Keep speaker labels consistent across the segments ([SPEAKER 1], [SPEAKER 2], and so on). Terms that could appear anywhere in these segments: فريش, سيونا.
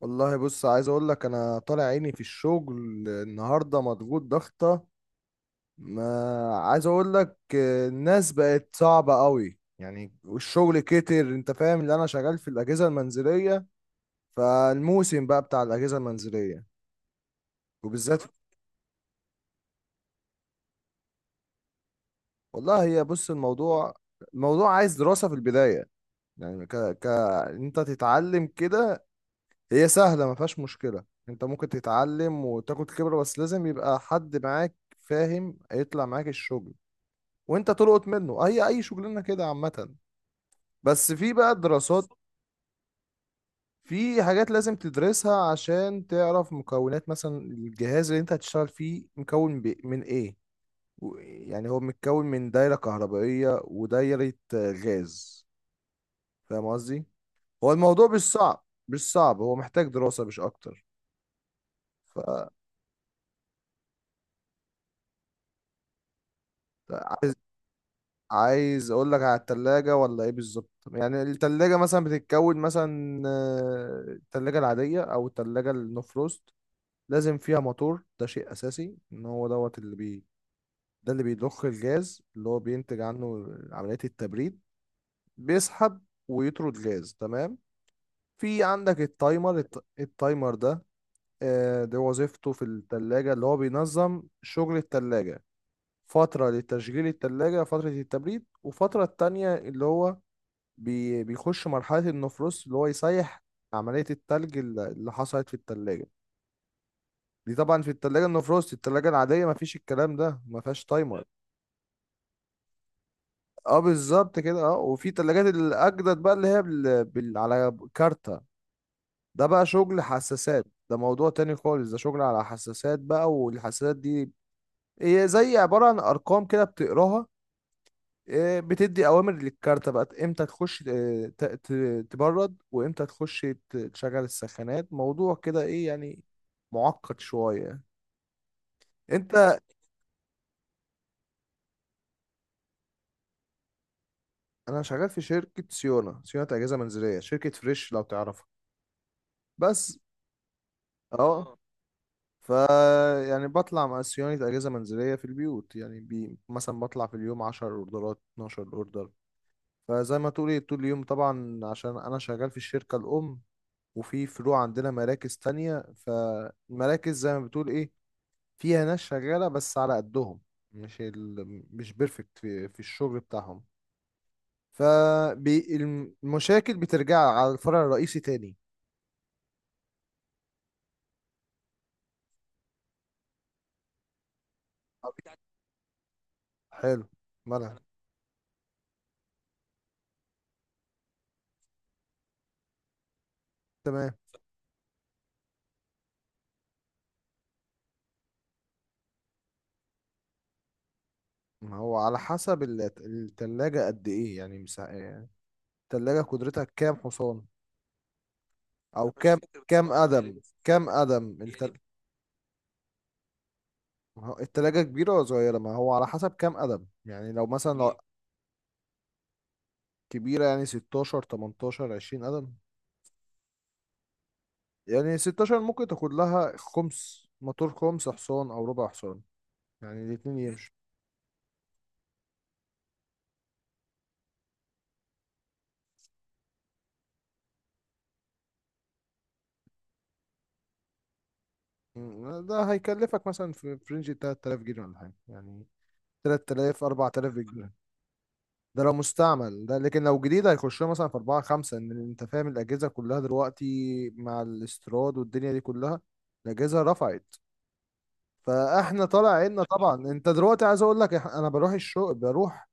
[SPEAKER 1] والله بص عايز اقول لك انا طالع عيني في الشغل. النهارده مضغوط ضغطه. ما عايز اقول لك، الناس بقت صعبه قوي يعني، والشغل كتر. انت فاهم اللي انا شغال في الاجهزه المنزليه، فالموسم بقى بتاع الاجهزه المنزليه وبالذات. والله هي بص الموضوع، عايز دراسه في البدايه. يعني ك ك انت تتعلم كده. هي سهلة ما فيهاش مشكلة. انت ممكن تتعلم وتاخد خبرة، بس لازم يبقى حد معاك فاهم يطلع معاك الشغل، وانت تلقط منه اي شغلانة كده عامة. بس في بقى دراسات، في حاجات لازم تدرسها عشان تعرف مكونات مثلا الجهاز اللي انت هتشتغل فيه مكون من ايه. يعني هو متكون من دايرة كهربائية ودايرة غاز. فاهم قصدي؟ هو الموضوع مش صعب، هو محتاج دراسة مش اكتر. ف عايز اقول لك على التلاجة ولا ايه بالظبط؟ يعني التلاجة مثلا بتتكون مثلا، التلاجة العادية او التلاجة النو فروست لازم فيها موتور. ده شيء اساسي، ان هو دوت اللي بي، ده اللي بيضخ الجاز اللي هو بينتج عنه عملية التبريد. بيسحب ويطرد جاز، تمام. في عندك التايمر، التايمر ده ده وظيفته في التلاجة اللي هو بينظم شغل التلاجة. فترة لتشغيل التلاجة، فترة التبريد، وفترة التانية اللي هو بيخش مرحلة النفروست، اللي هو يسيح عملية التلج اللي حصلت في التلاجة. دي طبعا في التلاجة النفروست، التلاجة العادية مفيش الكلام ده، مفيهاش تايمر. اه بالظبط كده. اه، وفي تلاجات الأجدد بقى اللي هي على كارتة. ده بقى شغل حساسات. ده موضوع تاني خالص، ده شغل على حساسات بقى. والحساسات دي هي زي عبارة عن أرقام كده بتقراها، بتدي اوامر للكارتة بقى امتى تخش تبرد، وامتى تخش تشغل السخانات. موضوع كده ايه يعني، معقد شوية. انت انا شغال في شركة سيونا، اجهزة منزلية، شركة فريش لو تعرفها. بس. اه اه. ف يعني بطلع مع صيانة اجهزة منزلية في البيوت. يعني بي مثلا بطلع في اليوم 10 اوردرات، 12 اوردر. فزي ما تقولي طول اليوم طبعا، عشان انا شغال في الشركة الام. وفي فروع عندنا، مراكز تانية، فالمراكز زي ما بتقول ايه، فيها ناس شغالة بس على قدهم. مش ال... مش بيرفكت في الشغل بتاعهم، فالمشاكل بترجع على الفرع الرئيسي تاني. حلو. مالها، تمام. ما هو على حسب التلاجة قد ايه يعني، يعني التلاجة قدرتها كام حصان، او كام، كام قدم ما هو التلاجة كبيرة ولا صغيرة؟ ما هو على حسب كام قدم. يعني لو مثلا لو كبيرة يعني 16 18 20 قدم. يعني 16 ممكن تاخد لها خمس موتور، خمس حصان أو ربع حصان. يعني الاتنين يمشوا. م، ده هيكلفك مثلا في رينج 3000 جنيه ولا حاجة يعني، 3000 4000 بالجنيه. ده لو مستعمل ده، لكن لو جديد هيخش له مثلا في 4 5. ان انت فاهم الاجهزه كلها دلوقتي مع الاستيراد والدنيا دي كلها الاجهزه رفعت. فاحنا طالع عنا طبعا. انت دلوقتي عايز اقول لك، انا بروح الشغل، بروح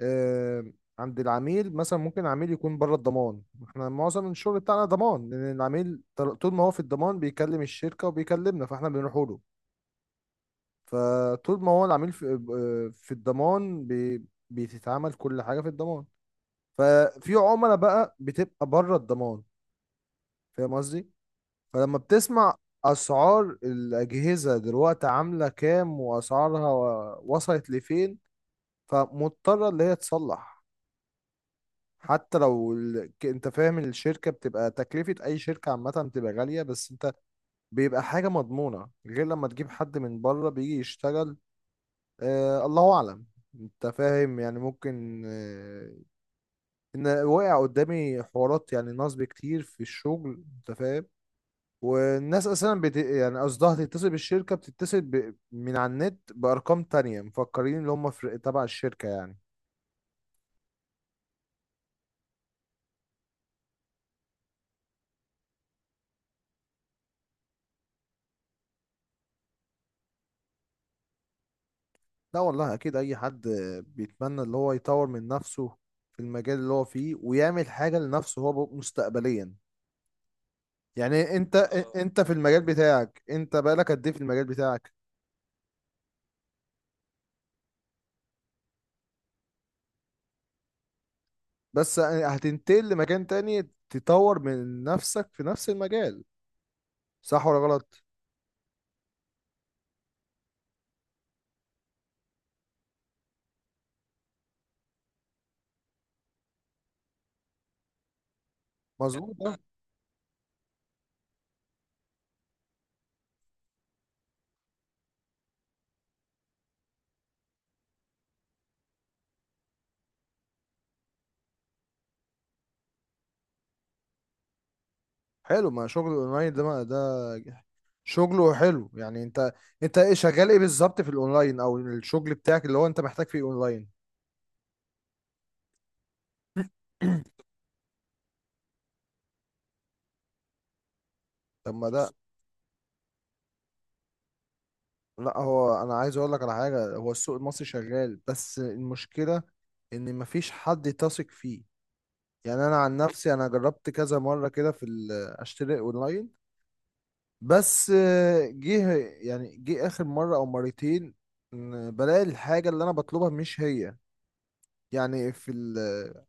[SPEAKER 1] آه، عند العميل. مثلا ممكن العميل يكون بره الضمان. احنا معظم الشغل بتاعنا ضمان، لان العميل طول ما هو في الضمان بيكلم الشركة وبيكلمنا، فاحنا بنروح له. فطول ما هو العميل في الضمان بتتعمل كل حاجة في الضمان. ففي عملاء بقى بتبقى بره الضمان، فاهم قصدي؟ فلما بتسمع اسعار الاجهزة دلوقتي عاملة كام، واسعارها وصلت لفين، فمضطرة اللي هي تصلح. حتى لو انت فاهم الشركة بتبقى تكلفة، اي شركة عامة بتبقى غالية، بس انت بيبقى حاجة مضمونة، غير لما تجيب حد من بره بيجي يشتغل، آه الله اعلم. انت فاهم يعني؟ ممكن آه ان وقع قدامي حوارات، يعني نصب كتير في الشغل، انت فاهم. والناس اساسا يعني قصدها تتصل بالشركة، بتتصل من على النت بارقام تانية، مفكرين اللي هم تبع الشركة يعني. لا والله اكيد اي حد بيتمنى اللي هو يطور من نفسه في المجال اللي هو فيه، ويعمل حاجة لنفسه هو مستقبليا. يعني انت، في المجال بتاعك انت بقالك قد ايه في المجال بتاعك؟ بس هتنتقل لمكان تاني تطور من نفسك في نفس المجال، صح ولا غلط؟ مظبوط ده. حلو، ما شغل الاونلاين ده، ما ده شغله حلو. يعني انت، انت ايه شغال ايه بالظبط في الاونلاين، او الشغل بتاعك اللي هو انت محتاج فيه اونلاين؟ طب ما ده، لا هو انا عايز اقول لك على حاجه، هو السوق المصري شغال بس المشكله ان مفيش حد تثق فيه. يعني انا عن نفسي انا جربت كذا مره كده في اشتري اونلاين، بس جه اخر مره او مرتين إن بلاقي الحاجه اللي انا بطلبها مش هي. يعني في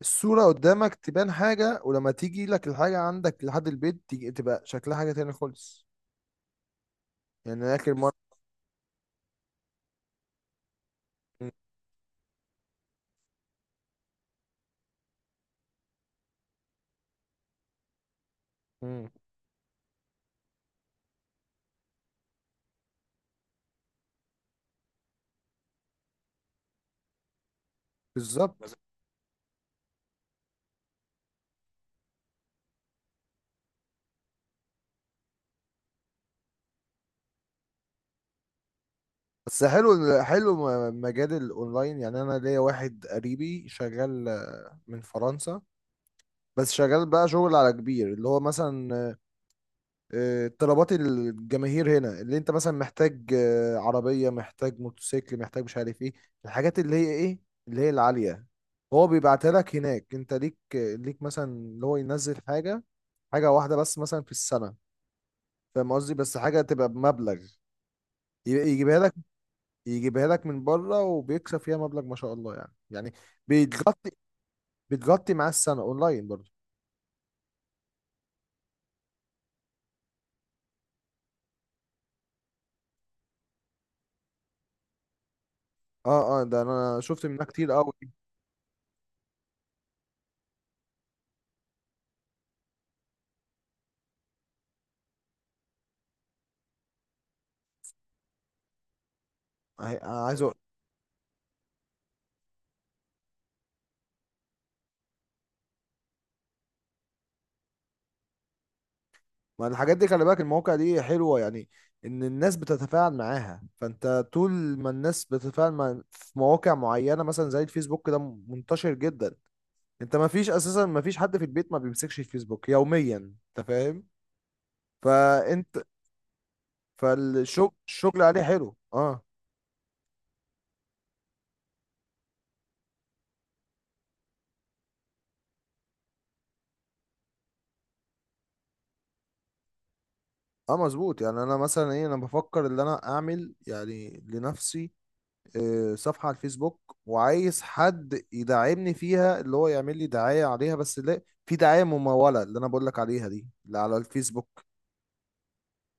[SPEAKER 1] الصوره قدامك تبان حاجه، ولما تيجي لك الحاجه عندك لحد البيت، تيجي تبقى شكلها حاجه تاني خالص. يعني اخر مره بز- مم. بالظبط. بس حلو، حلو مجال الاونلاين. يعني انا ليا واحد قريبي شغال من فرنسا، بس شغال بقى شغل على كبير اللي هو مثلا طلبات الجماهير هنا، اللي انت مثلا محتاج عربية، محتاج موتوسيكل، محتاج مش عارف ايه، الحاجات اللي هي ايه اللي هي العالية، هو بيبعتها لك هناك. انت ليك، مثلا اللي هو ينزل حاجة واحدة بس مثلا في السنة، فاهم قصدي؟ بس حاجة تبقى بمبلغ يجيبها لك، يجيبها لك من بره، وبيكسب فيها مبلغ ما شاء الله يعني، يعني بتغطي، بتغطي معاه السنه اونلاين برضه. اه اه، ده انا شفت منها كتير قوي. عاي- عايز اقول ما الحاجات دي خلي بالك المواقع دي حلوه، يعني ان الناس بتتفاعل معاها. فانت طول ما الناس بتتفاعل مع في مواقع معينه مثلا، زي الفيسبوك ده منتشر جدا. انت ما فيش اساسا ما فيش حد في البيت ما بيمسكش الفيسبوك يوميا، انت فاهم؟ فانت فالشغل، الشغل عليه حلو اه. اه مظبوط. يعني انا مثلا ايه، انا بفكر ان انا اعمل يعني لنفسي صفحة على الفيسبوك، وعايز حد يدعمني فيها اللي هو يعمل لي دعاية عليها، بس لا في دعاية ممولة، اللي انا بقول لك عليها دي اللي على الفيسبوك.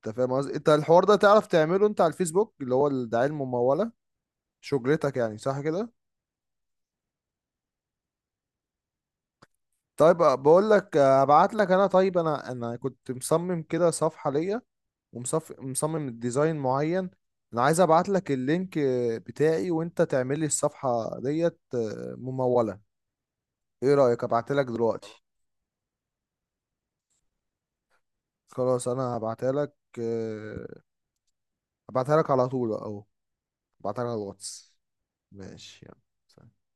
[SPEAKER 1] انت فاهم قصدي؟ انت الحوار ده تعرف تعمله انت على الفيسبوك، اللي هو الدعاية الممولة. شجرتك يعني، صح كده؟ طيب آه، بقول لك آه، هبعت لك انا. طيب انا كنت مصمم كده صفحة ليا، مصمم ديزاين معين. انا عايز ابعت لك اللينك بتاعي، وانت تعمل لي الصفحة ديت ممولة. ايه رأيك، ابعتها لك دلوقتي؟ خلاص، انا هبعتها لك. آه، هبعتها لك على طول اهو. هبعتها لك على الواتس. ماشي، يلا، سلام.